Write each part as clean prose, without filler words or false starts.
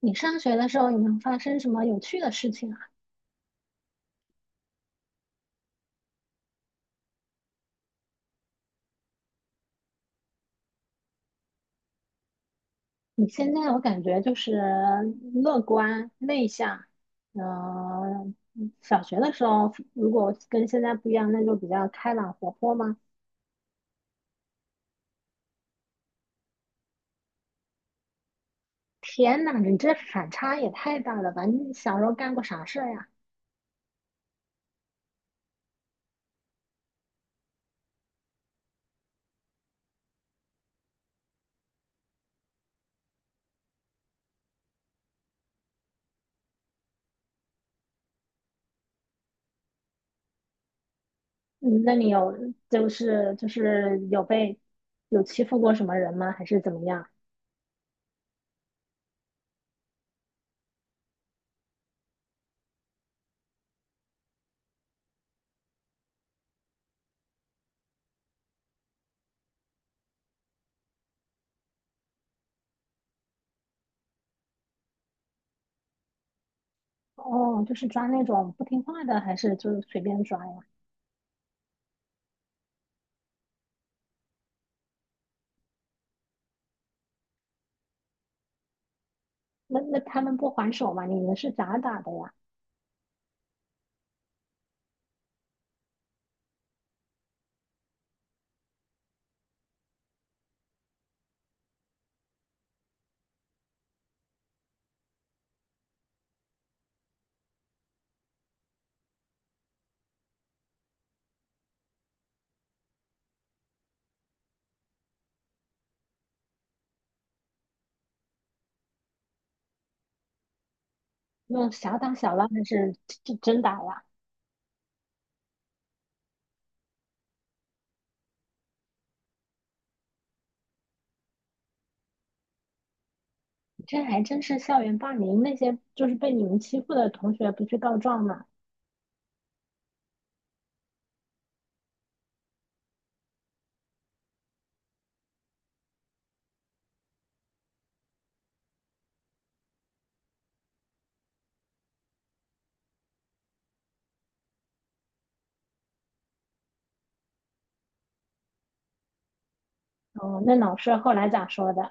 你上学的时候有没有发生什么有趣的事情啊？你现在我感觉就是乐观内向，呃，小学的时候如果跟现在不一样，那就比较开朗活泼吗？天呐，你这反差也太大了吧！你小时候干过啥事儿呀？嗯，那你有，就是有被有欺负过什么人吗？还是怎么样？哦，就是抓那种不听话的，还是就是随便抓呀？那他们不还手吗？你们是咋打的呀？那小打小闹还是真打呀？这还真是校园霸凌，那些就是被你们欺负的同学不去告状吗？哦，那老师后来咋说的？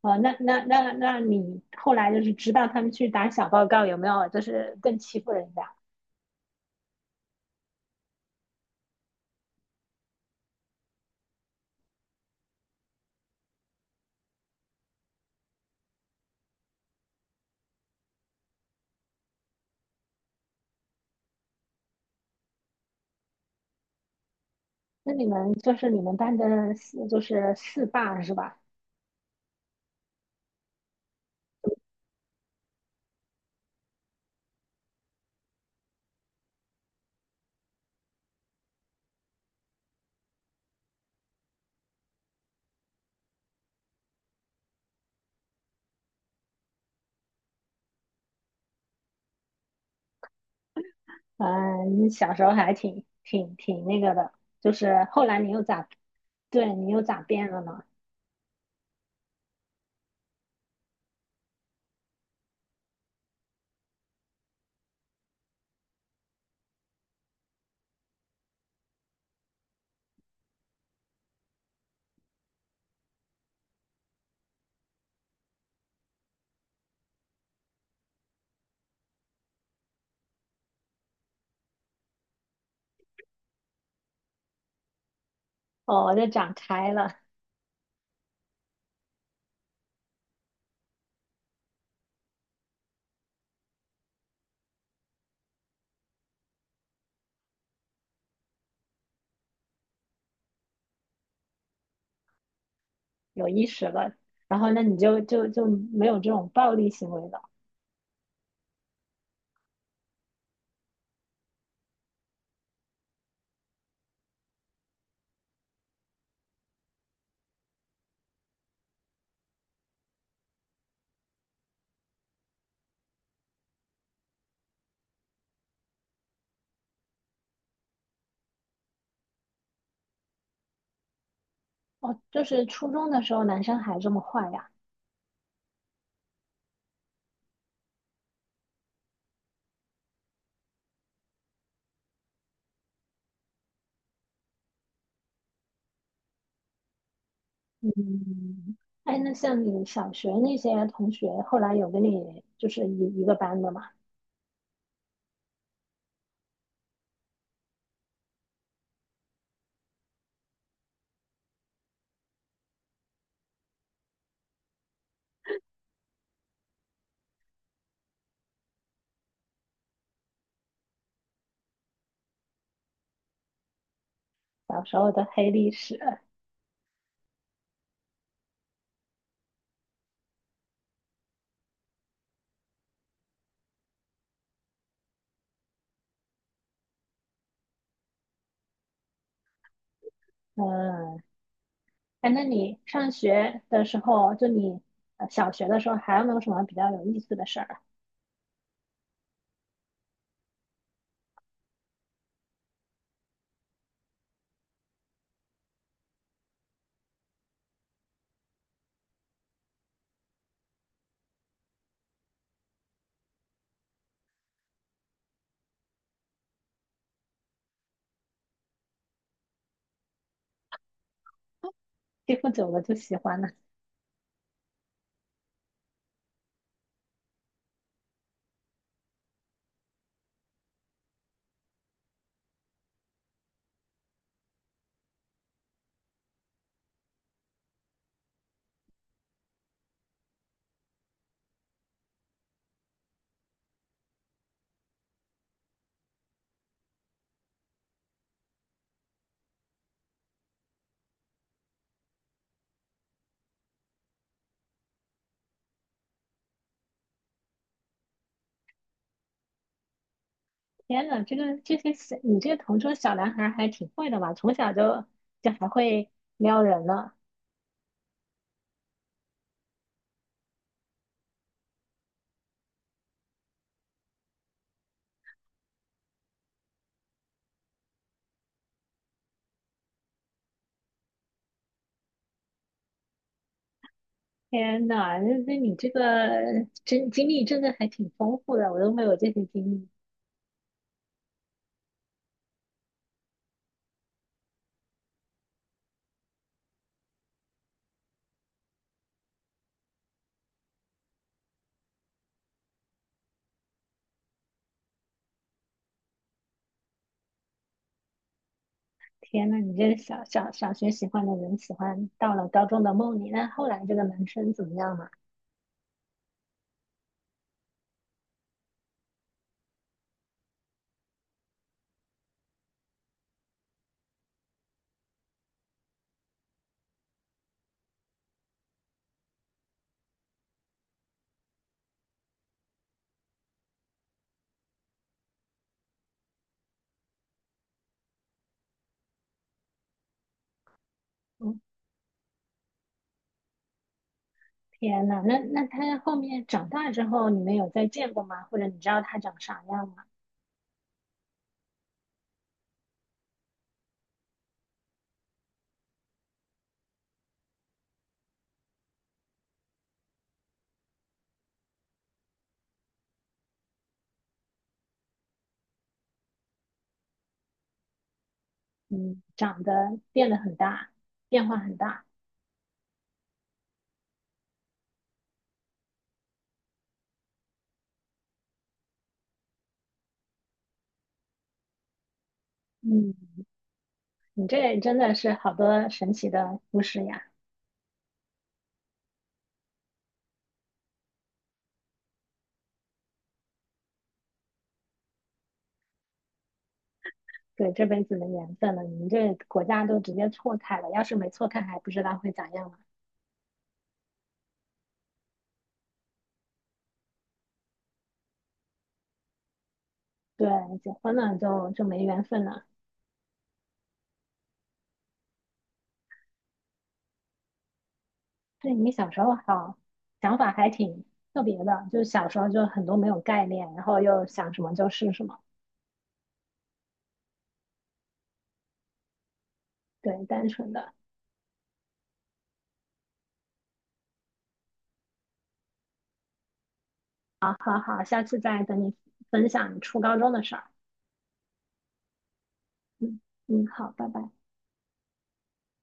哦，那你后来就是知道他们去打小报告有没有？就是更欺负人家？那你们就是你们班的四，就是四霸是吧？嗯，你小时候还挺那个的，就是后来你又咋，对你又咋变了呢？哦，我就长开了。有意识了，然后那你就没有这种暴力行为了。哦，就是初中的时候男生还这么坏呀？嗯，哎，那像你小学那些同学，后来有跟你就是一个班的嘛？小时候的黑历史。嗯，哎，那你上学的时候，就你小学的时候，还有没有什么比较有意思的事儿啊？欺负久了就喜欢了。天呐，这个这些小你这个同桌小男孩儿还挺会的嘛，从小就，就还会撩人呢。天呐，那那你这个真经历真的还挺丰富的，我都没有这些经历。天呐，你这小学喜欢的人，喜欢到了高中的梦里，那后来这个男生怎么样了？嗯，天呐，那那他后面长大之后，你们有再见过吗？或者你知道他长啥样吗？嗯，长得变得很大，变化很大。嗯，你这真的是好多神奇的故事呀。对，这辈子的缘分了，你们这国家都直接错开了，要是没错开，还不知道会咋样呢。对，结婚了就没缘分了。对，你小时候好，想法还挺特别的，就是小时候就很多没有概念，然后又想什么就是什么，对，单纯的。好好好，下次再等你分享你初高中的事儿。嗯，嗯，好，拜拜。